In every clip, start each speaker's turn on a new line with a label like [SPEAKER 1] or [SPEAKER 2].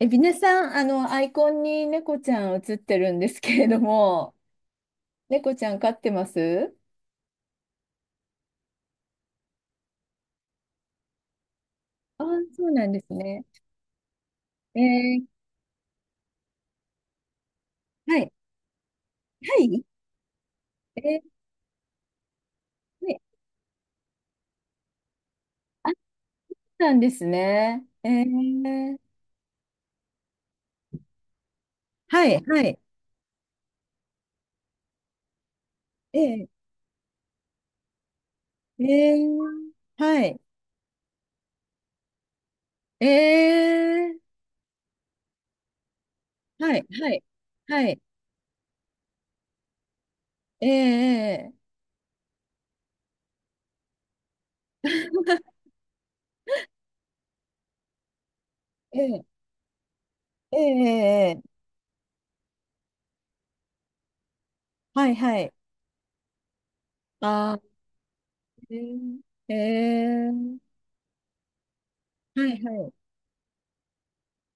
[SPEAKER 1] えビネさん、アイコンに猫ちゃん写ってるんですけれども、猫ちゃん飼ってますああ、そうなんですね。えー、はい、はい、えー、ね、あったんですね。えー、はい、はい、えー、えー、はい、えー、はい、はい、はい、えー、えー、えー、えー、えーはい、はい。あー、えー、えーはい、は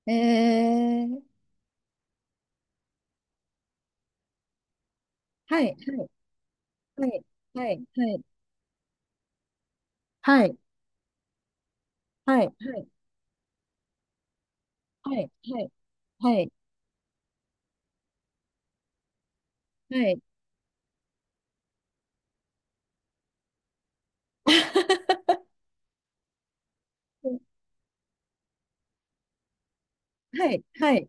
[SPEAKER 1] い。はい、はい、はい。はい、はい、はい、はい、はい、はい、はい、はい、はい、はい、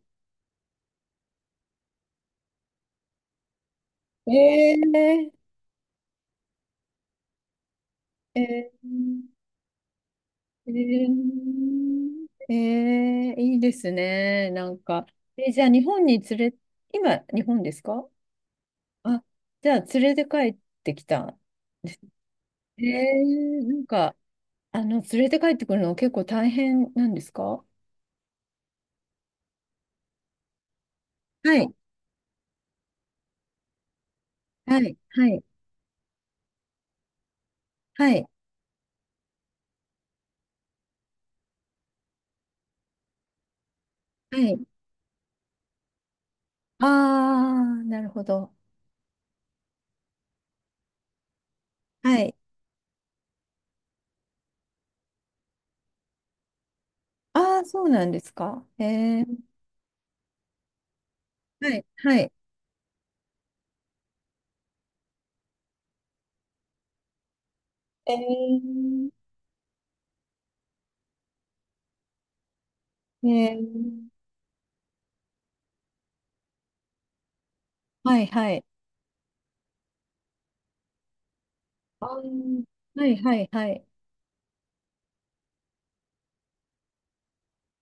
[SPEAKER 1] えいえー、えー、えー、えー、いいですね、なんか。え、じゃあ、日本に連れ、今、日本ですか？あ、じゃあ、連れて帰ってきた。えー、なんか、連れて帰ってくるの結構大変なんですか？はい、はい、はい、はい、はい。ああ、なるほど。はい。ああ、そうなんですか。へえ。はい、はい。えー、えー、はい、はい。あー、はい、はい、はい。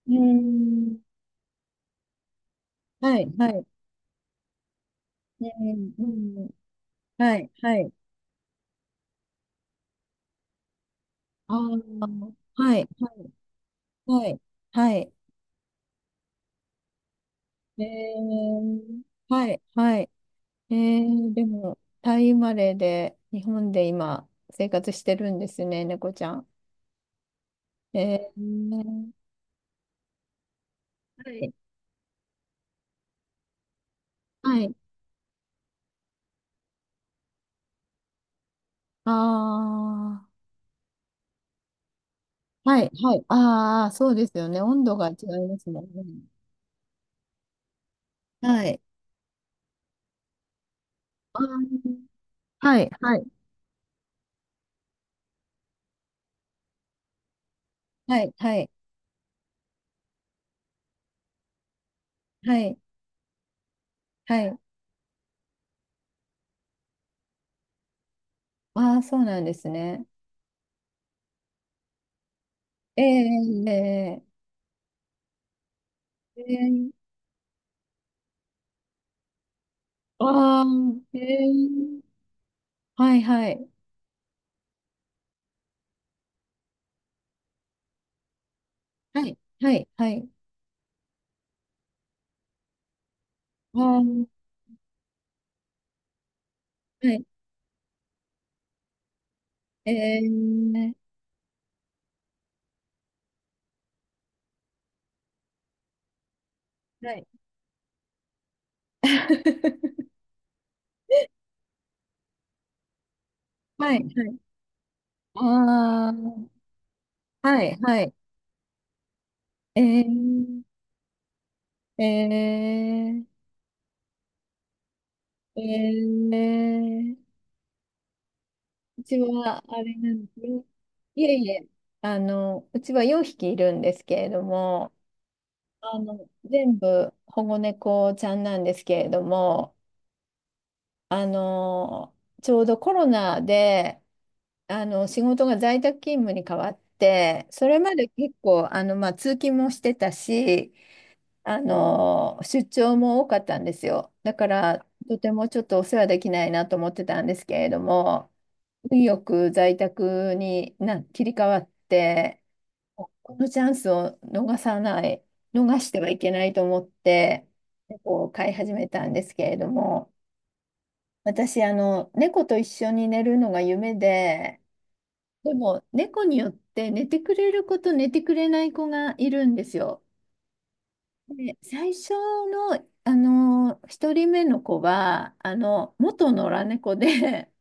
[SPEAKER 1] うーん、はい、はい。えー、うん、はい、はい。はい、はい、はい。はいえー、はい、はい。えー、でも、タイ生まれで、日本で今、生活してるんですね、猫ちゃん。えー、はい、はい。ああ。はい、はい。ああ、そうですよね。温度が違いますもんね。はい。あー、はい、はい、はい、はい、はい、はい。ああ、そうなんですね。ええええええ、あええ、はい、はい、はい、はい、はい。ああ、はい、ええ、はい。はい、はい。ああ、はい、はい。ええええええ、うちはあれなんですね。いえいえ、あの、うちは4匹いるんですけれども、あの、全部保護猫ちゃんなんですけれども、あの、ちょうどコロナで、あの、仕事が在宅勤務に変わって、それまで結構、通勤もしてたし、あの、出張も多かったんですよ。だから、とてもちょっとお世話できないなと思ってたんですけれども、運よく在宅に切り替わって、このチャンスを逃さない、逃してはいけないと思って、猫を飼い始めたんですけれども、私、あの、猫と一緒に寝るのが夢で、でも、猫によって寝てくれる子と寝てくれない子がいるんですよ。で、最初の、あの、一人目の子は、あの、元野良猫で、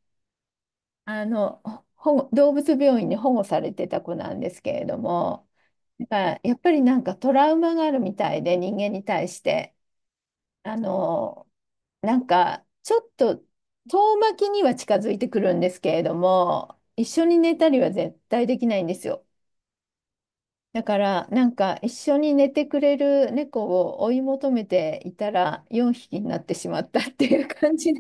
[SPEAKER 1] あの、保護動物病院に保護されてた子なんですけれども、なんやっぱりなんかトラウマがあるみたいで、人間に対して。あの、なんかちょっと遠巻きには近づいてくるんですけれども、一緒に寝たりは絶対できないんですよ。だからなんか一緒に寝てくれる猫を追い求めていたら4匹になってしまったっていう感じ。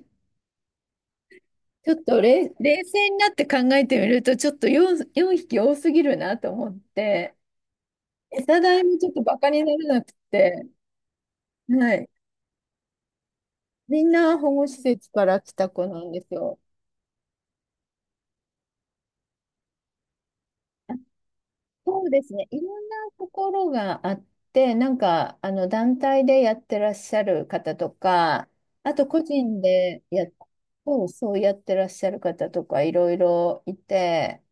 [SPEAKER 1] ちょっと冷静になって考えてみると、ちょっと4匹多すぎるなと思って、餌代もちょっとバカにならなくて、はい。みんな保護施設から来た子なんですよ。そうですね。いろんなところがあって、なんか、あの、団体でやってらっしゃる方とか、あと個人でや、そう、そうやってらっしゃる方とか、いろいろいて、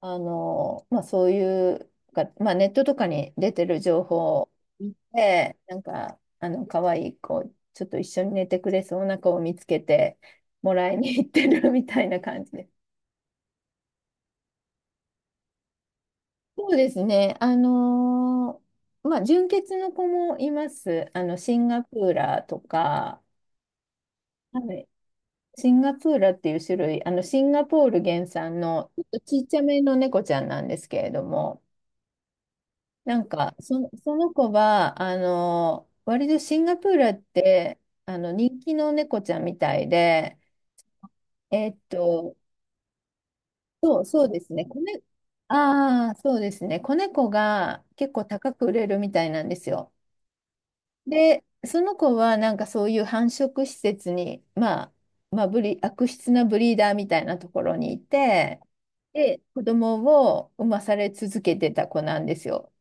[SPEAKER 1] そういうが、まあ、ネットとかに出てる情報で、なんか、あの、可愛い子、ちょっと一緒に寝てくれそうな子を見つけて、もらいに行ってる みたいな感じで。そうですね。あの、ーまあ、純血の子もいます。あの、シンガプーラとか、はい、シンガプーラっていう種類、あの、シンガポール原産の、ちょっとちっちゃめの猫ちゃんなんですけれども、その子は、あの、割とシンガポールって、あの、人気の猫ちゃんみたいで、えっと、そうですね。子ね、ああ、そうですね。子猫が結構高く売れるみたいなんですよ。で、その子はなんかそういう繁殖施設に、まあ、悪質なブリーダーみたいなところにいて、で、子供を産まされ続けてた子なんですよ。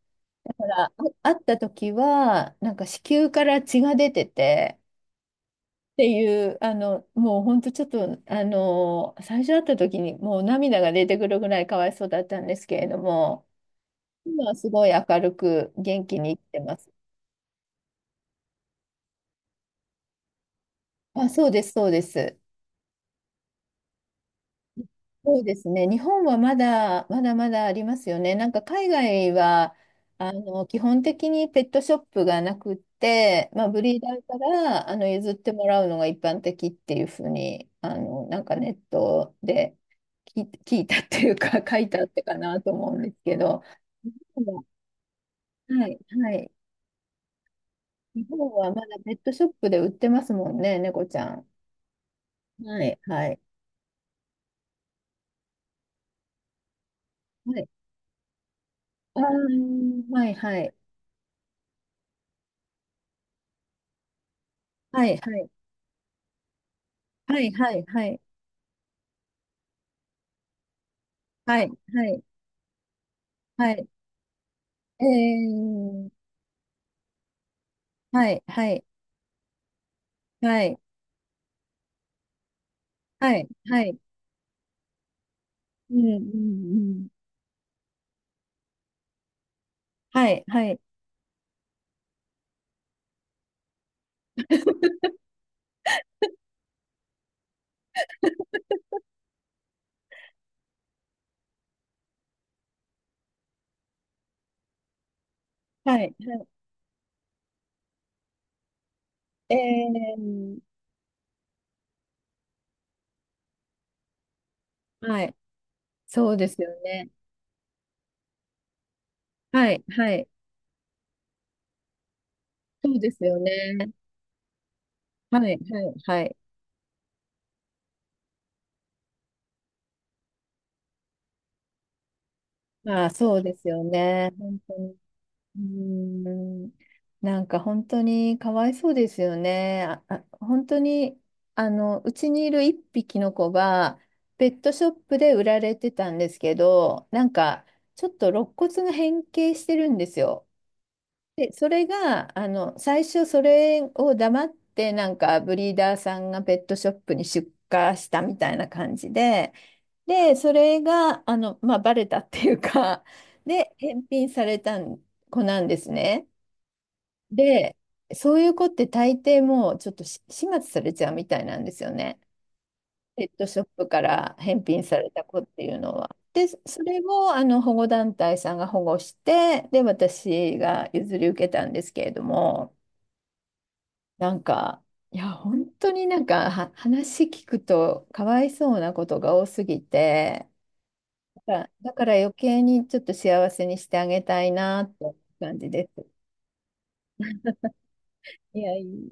[SPEAKER 1] あ、会った時は、なんか子宮から血が出てて、っていう、あの、もう本当ちょっと、あの、最初会った時にもう涙が出てくるぐらいかわいそうだったんですけれども、今はすごい明るく元気に生きてます。あ、そうです。そうですね。日本はまだ、まだまだありますよね。なんか海外は、あの、基本的にペットショップがなくって、まあ、ブリーダーから、あの、譲ってもらうのが一般的っていうふうに、あの、なんかネットで聞いたっていうか、書いたってかなと思うんですけど、日本は、はい、はい。日本はまだペットショップで売ってますもんね、猫ちゃん。はい、はい、はい。あー、はい、はい、はい、はい、はい、はい。はい、はい、はい、はい。えー、はい、はい、はい、はい、はい、うん、うん、うん。はい、はい、はい、はい。ー、はい、そうですよね。はい、はい、そうですよね。はい、はい、はい。まあ、あ、そうですよね。本当に。うーん、なんか本当にかわいそうですよね。あ、本当に、あの、うちにいる一匹の子が、ペットショップで売られてたんですけど、なんか、ちょっと肋骨が変形してるんですよ。で、それが、あの、最初それを黙って、なんか、ブリーダーさんがペットショップに出荷したみたいな感じで、で、それが、あの、まあ、バレたっていうか、で、返品された子なんですね。で、そういう子って大抵もうちょっと始末されちゃうみたいなんですよね。ペットショップから返品された子っていうのは。で、それをあの保護団体さんが保護して、で、私が譲り受けたんですけれども、なんか、いや、本当になんか話聞くとかわいそうなことが多すぎて、だから余計にちょっと幸せにしてあげたいなって感じです。いやいや